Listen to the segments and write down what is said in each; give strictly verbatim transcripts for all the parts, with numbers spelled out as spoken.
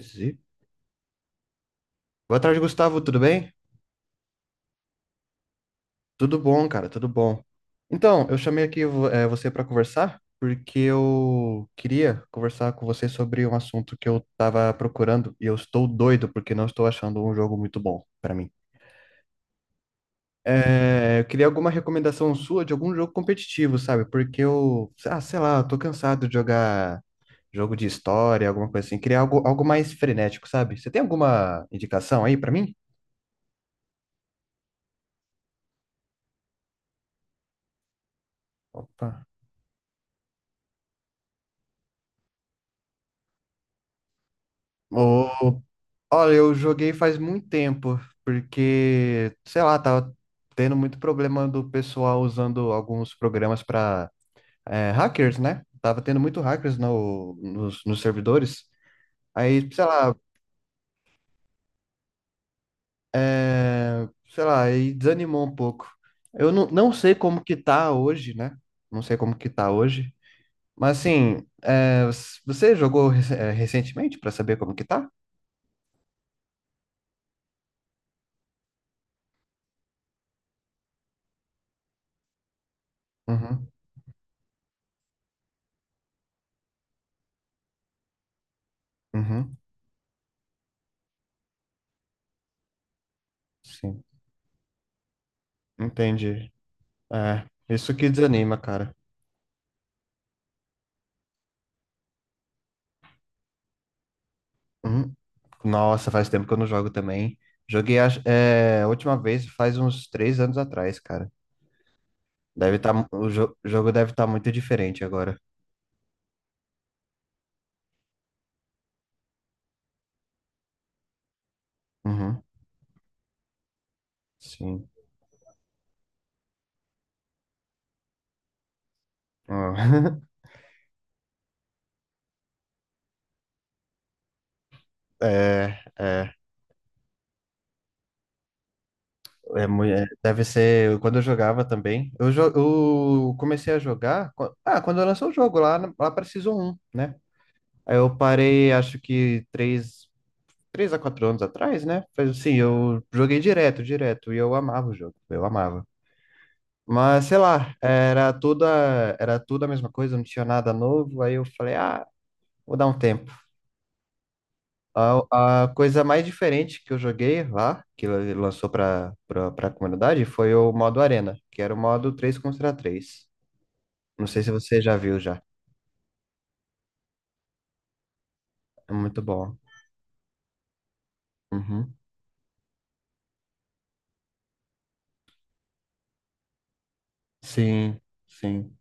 Zi- Boa tarde, Gustavo, tudo bem? Tudo bom, cara, tudo bom. Então, eu chamei aqui vo- eh, você para conversar porque eu queria conversar com você sobre um assunto que eu tava procurando e eu estou doido porque não estou achando um jogo muito bom para mim. Eh, eu queria alguma recomendação sua de algum jogo competitivo, sabe? Porque eu, ah, sei lá, eu tô cansado de jogar jogo de história, alguma coisa assim. Queria algo, algo mais frenético, sabe? Você tem alguma indicação aí para mim? Opa. Opa, olha, eu joguei faz muito tempo, porque, sei lá, tava tendo muito problema do pessoal usando alguns programas para hackers, né? Tava tendo muito hackers no, nos, nos servidores. Aí, sei lá, é, sei lá, aí desanimou um pouco. Eu não, Não sei como que tá hoje, né? Não sei como que tá hoje. Mas assim, é, você jogou rec- é, recentemente para saber como que tá? Uhum, uhum, sim, entendi. É, isso que desanima, cara. Uhum. Nossa, faz tempo que eu não jogo também. Joguei acho- é, a última vez faz uns três anos atrás, cara. Deve tá, mu- o jo- jogo deve estar muito diferente agora. Uhum, sim. Ah, é, é. É, mui- é, deve ser quando eu jogava também. Eu, jo- eu comecei a jogar. quan- Ah, quando eu lançou o jogo lá, na- lá para Season um, né? Aí eu parei, acho que três, três a quatro anos atrás, né? Mas assim, eu joguei direto, direto, e eu amava o jogo, eu amava. Mas sei lá, era tudo a, era tudo a mesma coisa, não tinha nada novo. Aí eu falei, ah, vou dar um tempo. A, a coisa mais diferente que eu joguei lá, que la- lançou para para a comunidade, foi o modo Arena, que era o modo três contra três. Não sei se você já viu já. É muito bom. Uhum. Sim, sim.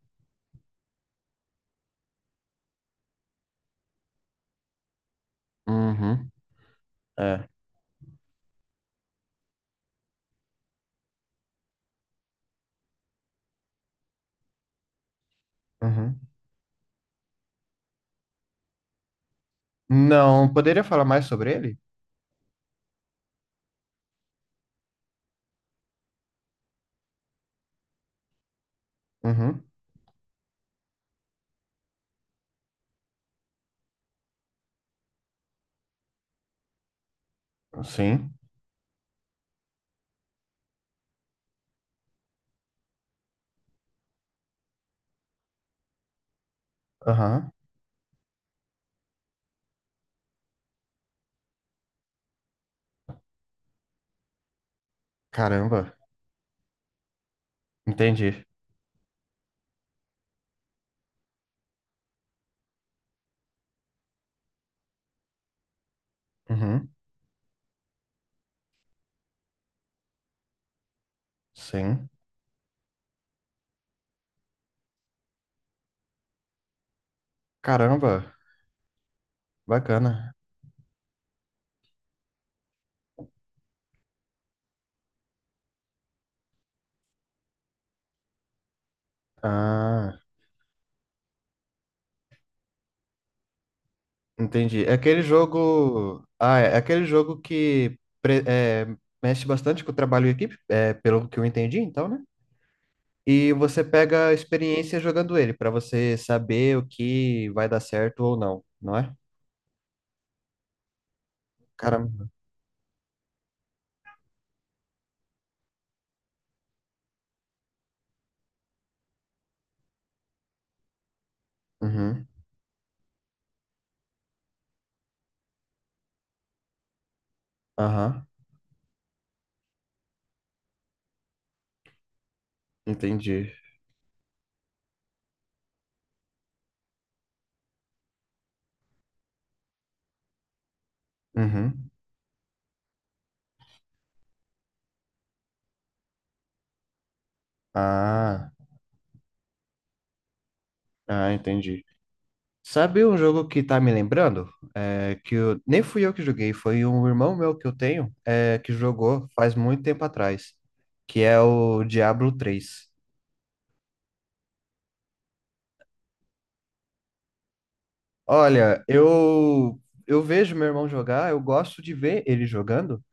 Uhum. É. Uhum. Não, poderia falar mais sobre ele? Uhum. Sim. Aham. Caramba. Entendi. Uhum. Sim. Caramba. Bacana. Ah. Entendi. É aquele jogo. Ah, é é aquele jogo que pre- é, mexe bastante com o trabalho em equipe, é, pelo que eu entendi, então, né? E você pega a experiência jogando ele, pra você saber o que vai dar certo ou não, não é? Caramba. Uhum. Aham. Entendi. Uhum. Ah. Ah, entendi. Sabe um jogo que tá me lembrando? É, que eu, nem fui eu que joguei, foi um irmão meu que eu tenho, é, que jogou faz muito tempo atrás, que é o Diablo três. Olha, eu, eu vejo meu irmão jogar, eu gosto de ver ele jogando,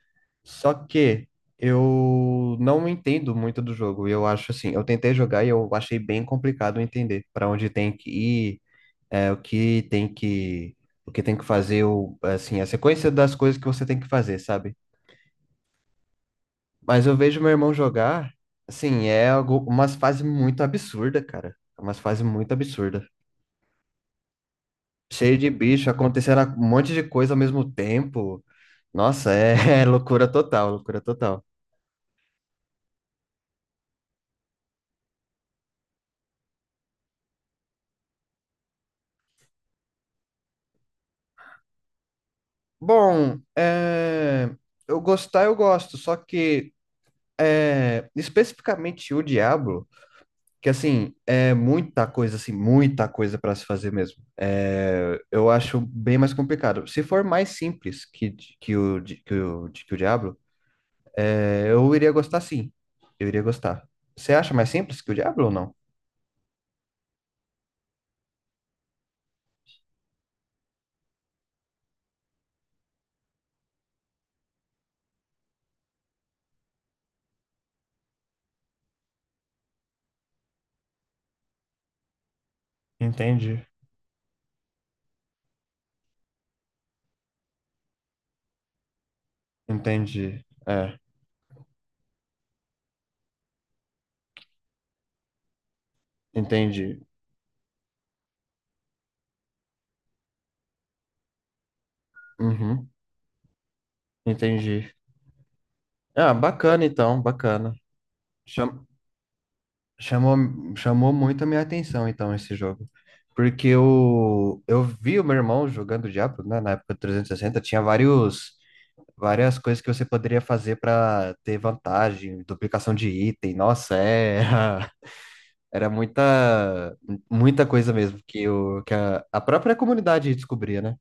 só que eu não entendo muito do jogo. Eu acho assim, eu tentei jogar e eu achei bem complicado entender para onde tem que ir, é, o que tem que, o que tem que fazer, o, assim, a sequência das coisas que você tem que fazer, sabe? Mas eu vejo meu irmão jogar, assim, é algo, umas fases muito absurdas, cara. É umas fases muito absurdas. Cheio de bicho, acontecendo um monte de coisa ao mesmo tempo. Nossa, é, é loucura total, loucura total. Bom, é, eu gostar, eu gosto, só que é, especificamente o Diablo, que assim, é muita coisa, assim, muita coisa para se fazer mesmo. É, eu acho bem mais complicado. Se for mais simples que, que o, que o, que o Diablo, eu iria gostar sim. Eu iria gostar. Você acha mais simples que o Diablo ou não? Entendi. Entendi. É, entendi. Uhum, entendi. Ah, bacana então, bacana. Cham- chamou, Chamou muito a minha atenção então esse jogo. Porque eu, eu vi o meu irmão jogando Diablo, né, na época do trezentos e sessenta, tinha vários, várias coisas que você poderia fazer para ter vantagem, duplicação de item. Nossa, é, era muita, muita coisa mesmo que, o, que a, a própria comunidade descobria, né?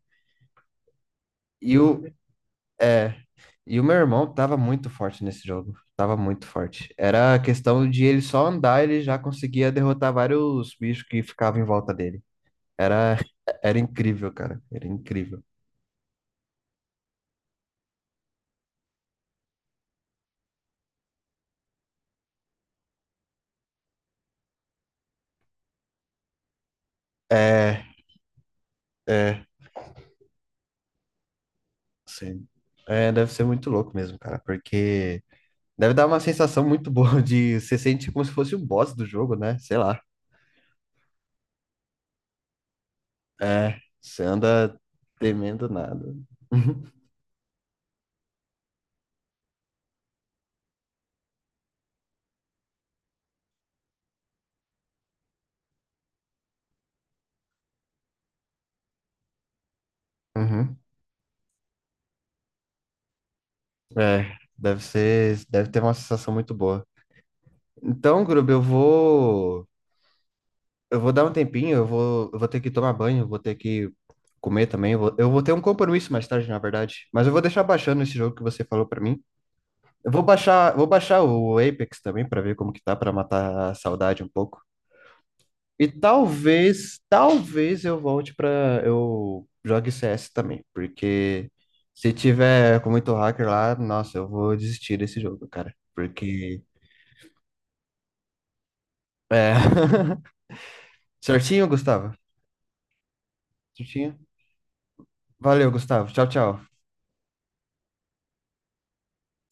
E o, é, e o meu irmão tava muito forte nesse jogo. Tava muito forte. Era a questão de ele só andar, ele já conseguia derrotar vários bichos que ficavam em volta dele. Era, era incrível, cara. Era incrível. É, é, sim. É, deve ser muito louco mesmo, cara, porque deve dar uma sensação muito boa de você sente como se fosse o boss do jogo, né? Sei lá. É, você anda temendo nada. Uhum. É, deve ser, deve ter uma sensação muito boa. Então, Grub, eu vou, eu vou dar um tempinho, eu vou, eu vou ter que tomar banho, eu vou ter que comer também, eu vou, eu vou ter um compromisso mais tarde, na verdade. Mas eu vou deixar baixando esse jogo que você falou pra mim. Eu vou baixar, vou baixar o Apex também pra ver como que tá, pra matar a saudade um pouco. E talvez, talvez eu volte pra. eu jogue C S também, porque se tiver com muito hacker lá, nossa, eu vou desistir desse jogo, cara. Porque é. Certinho, Gustavo? Certinho? Valeu, Gustavo. Tchau, tchau.